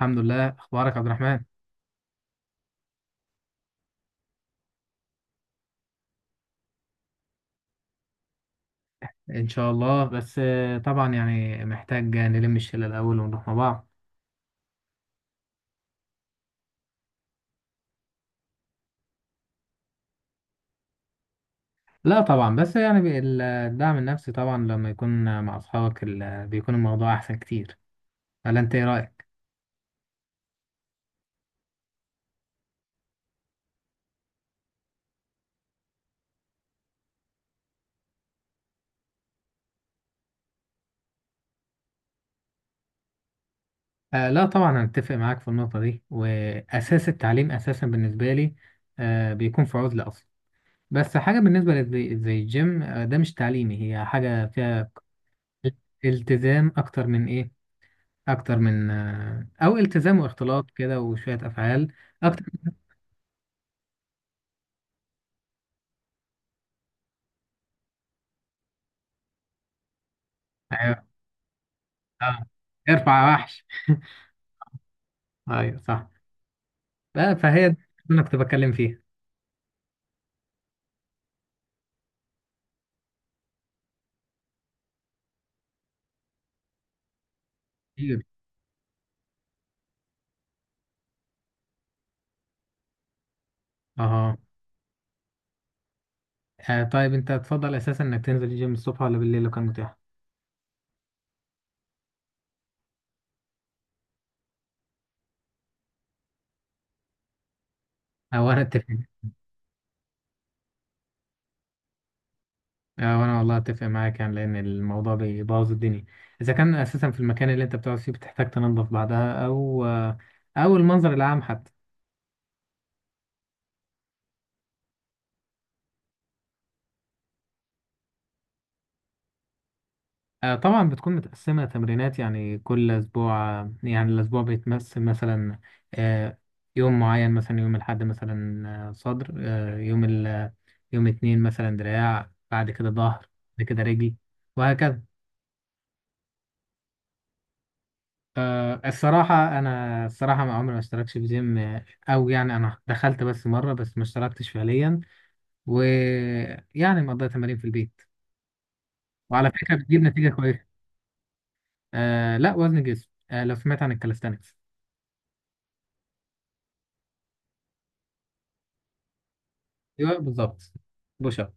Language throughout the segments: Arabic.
الحمد لله، اخبارك يا عبد الرحمن. ان شاء الله. بس طبعا يعني محتاج نلم الشله الاول ونروح مع بعض. لا طبعا، بس يعني الدعم النفسي طبعا لما يكون مع اصحابك بيكون الموضوع احسن كتير. ولا انت ايه رايك؟ لا طبعا، انا اتفق معاك في النقطه دي، واساس التعليم اساسا بالنسبه لي بيكون في عزله اصلا. بس حاجه بالنسبه لزي زي الجيم، ده مش تعليمي، هي حاجه فيها التزام اكتر من ايه، اكتر من او التزام واختلاط كده وشويه افعال، اكتر من… ايوه. اه، ارفع وحش. ايوه صح. بقى فهي دي اللي انا كنت بتكلم فيها كتير. اه، طيب انت تفضل اساسا انك تنزل الجيم الصبح ولا بالليل لو كان متاح؟ او انا اتفق. او انا والله اتفق معاك يعني، لان الموضوع بيبوظ الدنيا اذا كان اساسا في المكان اللي انت بتقعد فيه بتحتاج تنظف بعدها، او او المنظر العام حتى. طبعا بتكون متقسمة تمرينات يعني، كل أسبوع يعني الأسبوع بيتمثل مثلا آه، يوم معين، مثلا يوم الأحد مثلا، صدر، يوم اتنين مثلا دراع، بعد كده ظهر، بعد كده رجل، وهكذا. الصراحة أنا ما عمري ما اشتركتش في جيم. أو يعني أنا دخلت بس مرة، بس ما اشتركتش فعليا، ويعني مقضية تمارين في البيت، وعلى فكرة بتجيب نتيجة كويسة. لا، وزن جسم. لو سمعت عن الكاليستانكس. ايوه بالظبط. بوش اب.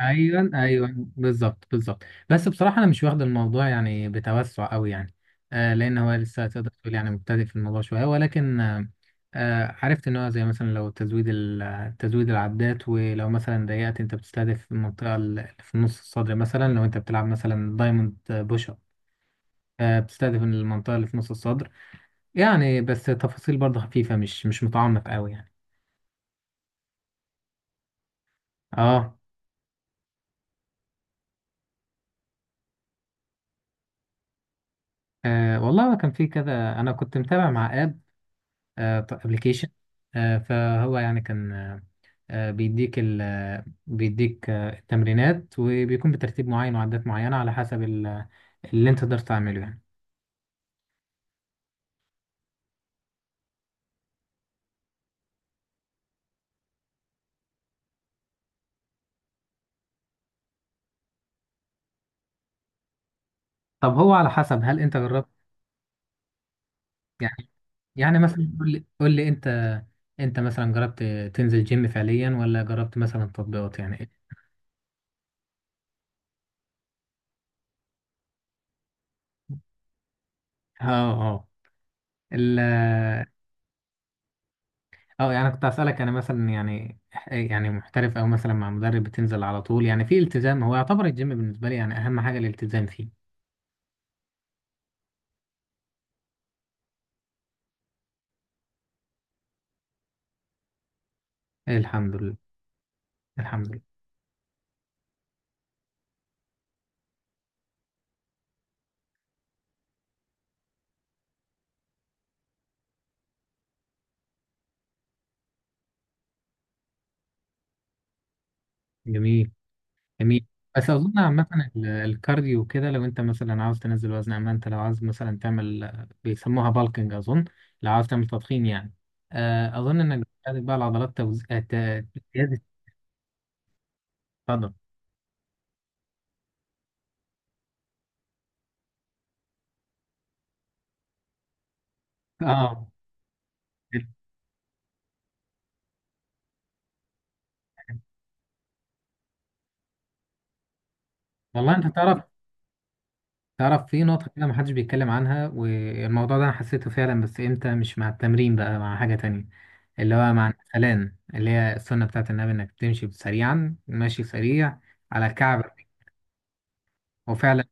ايوه بالظبط. بس بصراحه انا مش واخد الموضوع يعني بتوسع قوي يعني. لان هو لسه تقدر تقول يعني مبتدئ في الموضوع شويه، ولكن عرفت ان هو زي مثلا، لو تزويد العدات، ولو مثلا ضيقت انت بتستهدف المنطقه اللي في نص الصدر، مثلا لو انت بتلعب مثلا دايموند بوش اب. بتستهدف المنطقه اللي في نص الصدر. يعني بس تفاصيل برضه خفيفه، مش متعمق قوي يعني. اه، أه والله هو كان في كذا، أنا كنت متابع مع آب، أبلكيشن. أه فهو يعني كان، أه بيديك ال آه، بيديك أه التمرينات، وبيكون بترتيب معين وعدات معينة على حسب اللي أنت تقدر تعمله يعني. طب هو على حسب، هل أنت جربت يعني؟ يعني مثلا قول لي أنت، مثلا جربت تنزل جيم فعليا، ولا جربت مثلا تطبيقات يعني؟ اه اه اه، يعني كنت اسالك انا مثلا يعني، يعني محترف او مثلا مع مدرب بتنزل على طول، يعني في التزام. هو يعتبر الجيم بالنسبه لي يعني اهم حاجه الالتزام فيه. الحمد لله. الحمد لله. جميل. جميل. بس اظن عامه الكارديو كده، لو انت مثلا عاوز تنزل وزن. اما انت لو عاوز مثلا تعمل، بيسموها بالكنج اظن، لو عاوز تعمل تضخيم يعني، اظن انك بتحتاج بقى العضلات توزيع زياده. اتفضل. اه والله، انت تعرف، تعرف في نقطة كده محدش بيتكلم عنها، والموضوع ده أنا حسيته فعلا، بس إمتى؟ مش مع التمرين بقى، مع حاجة تانية، اللي هو مع الأذان، اللي هي السنة بتاعت النبي، إنك تمشي سريعا، ماشي سريع على كعبك. وفعلا،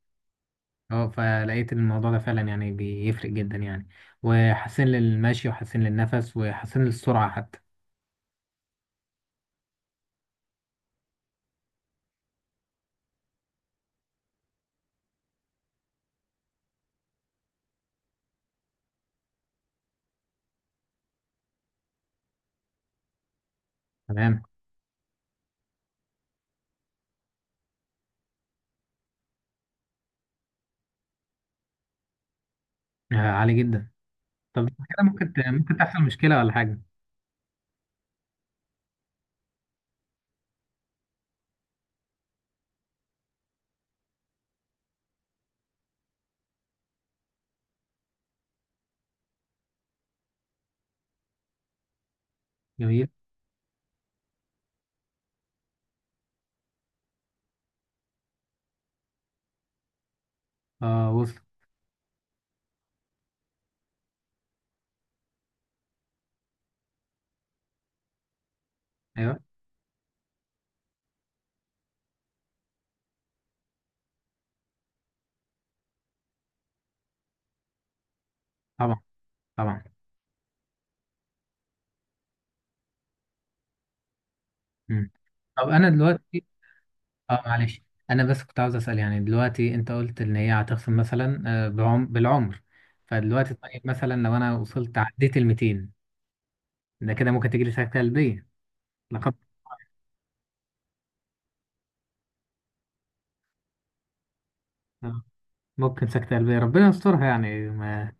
اه، فلقيت إن الموضوع ده فعلا يعني بيفرق جدا يعني، وحسن للمشي وحسن للنفس وحسن للسرعة حتى. تمام. عالي جدا. طب كده ممكن ممكن تحصل مشكلة ولا حاجة؟ جميل. اه وصل. أيوه. طبعا طبعا. مم. طب أنا دلوقتي، اه معلش، انا بس كنت عاوز اسال يعني. دلوقتي انت قلت ان هي هتخصم مثلا بالعمر. فدلوقتي طيب، مثلا لو انا وصلت عديت ال 200، ده كده ممكن تجي لي سكته قلبيه؟ لقد. آه، ممكن سكته قلبيه، ربنا يسترها يعني ما.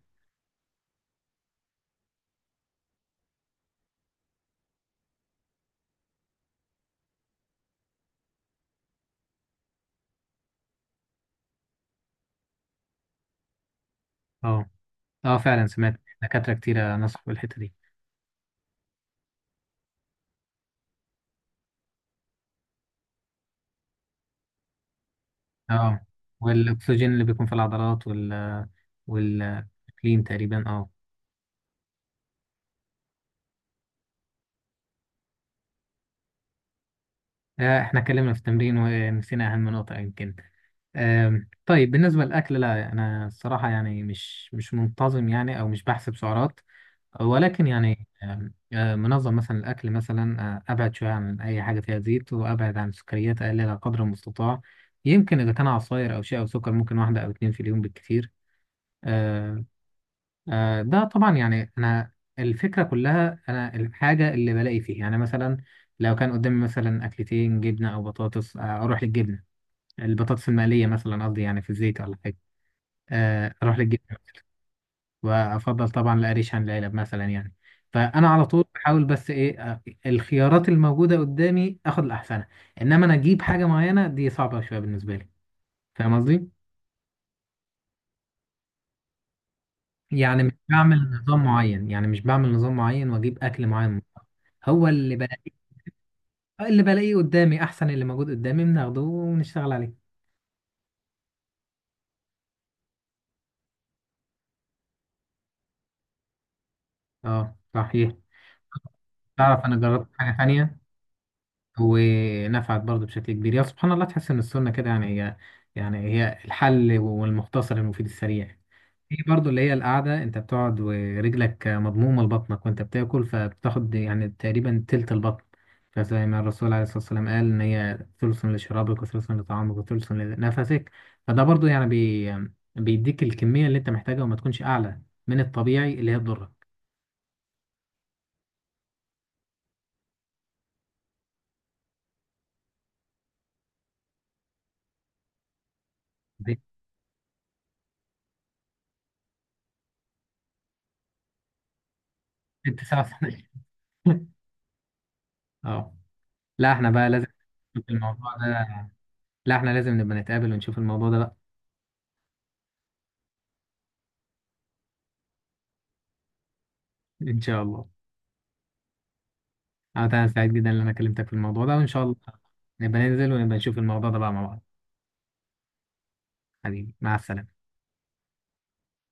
اه اه فعلا سمعت دكاتره كتيره نصحوا بالحته دي. اه والاكسجين اللي بيكون في العضلات والكلين تقريبا اه. احنا اتكلمنا في التمرين ونسينا اهم نقطه يمكن. طيب بالنسبة للأكل، لا أنا الصراحة يعني مش منتظم يعني، أو مش بحسب سعرات، ولكن يعني آم، آه، منظم مثلا الأكل مثلا. أبعد شوية عن أي حاجة فيها زيت، وأبعد عن السكريات أقللها قدر المستطاع. يمكن إذا كان عصاير أو شيء أو سكر، ممكن واحدة أو اتنين في اليوم بالكثير. آه، ده طبعا يعني، الفكرة كلها، أنا الحاجة اللي بلاقي فيها يعني، مثلا لو كان قدامي مثلا أكلتين جبنة أو بطاطس، أروح للجبنة، البطاطس المقلية مثلا قصدي يعني في الزيت ولا حاجة. اروح للجيم. وافضل طبعا القريش عن العلب مثلا يعني. فانا على طول بحاول، بس ايه الخيارات الموجوده قدامي اخد الاحسنه. انما انا اجيب حاجه معينه، دي صعبه شويه بالنسبه لي، فاهم قصدي؟ يعني مش بعمل نظام معين، واجيب اكل معين، هو اللي بلاقيه، اللي بلاقيه قدامي احسن، اللي موجود قدامي بناخده ونشتغل عليه. اه صحيح. تعرف انا جربت حاجه ثانيه ونفعت برضه بشكل كبير، يا سبحان الله. تحس ان السنه كده يعني، يعني هي الحل والمختصر المفيد السريع. في برضه اللي هي القعده، انت بتقعد ورجلك مضمومه لبطنك وانت بتاكل، فبتاخد يعني تقريبا تلت البطن. فزي ما الرسول عليه الصلاه والسلام قال ان هي ثلث لشرابك وثلث لطعامك وثلث لنفسك. فده برضه يعني بيديك الكميه اللي انت محتاجها وما تكونش اعلى من الطبيعي اللي هي تضرك. دي 6 ساعات اه، لا احنا بقى لازم في الموضوع ده، لا احنا لازم نبقى نتقابل ونشوف الموضوع ده بقى. ان شاء الله. انا سعيد جدا ان انا كلمتك في الموضوع ده، وان شاء الله نبقى ننزل ونبقى نشوف الموضوع ده بقى مع بعض. حبيبي، مع السلامة.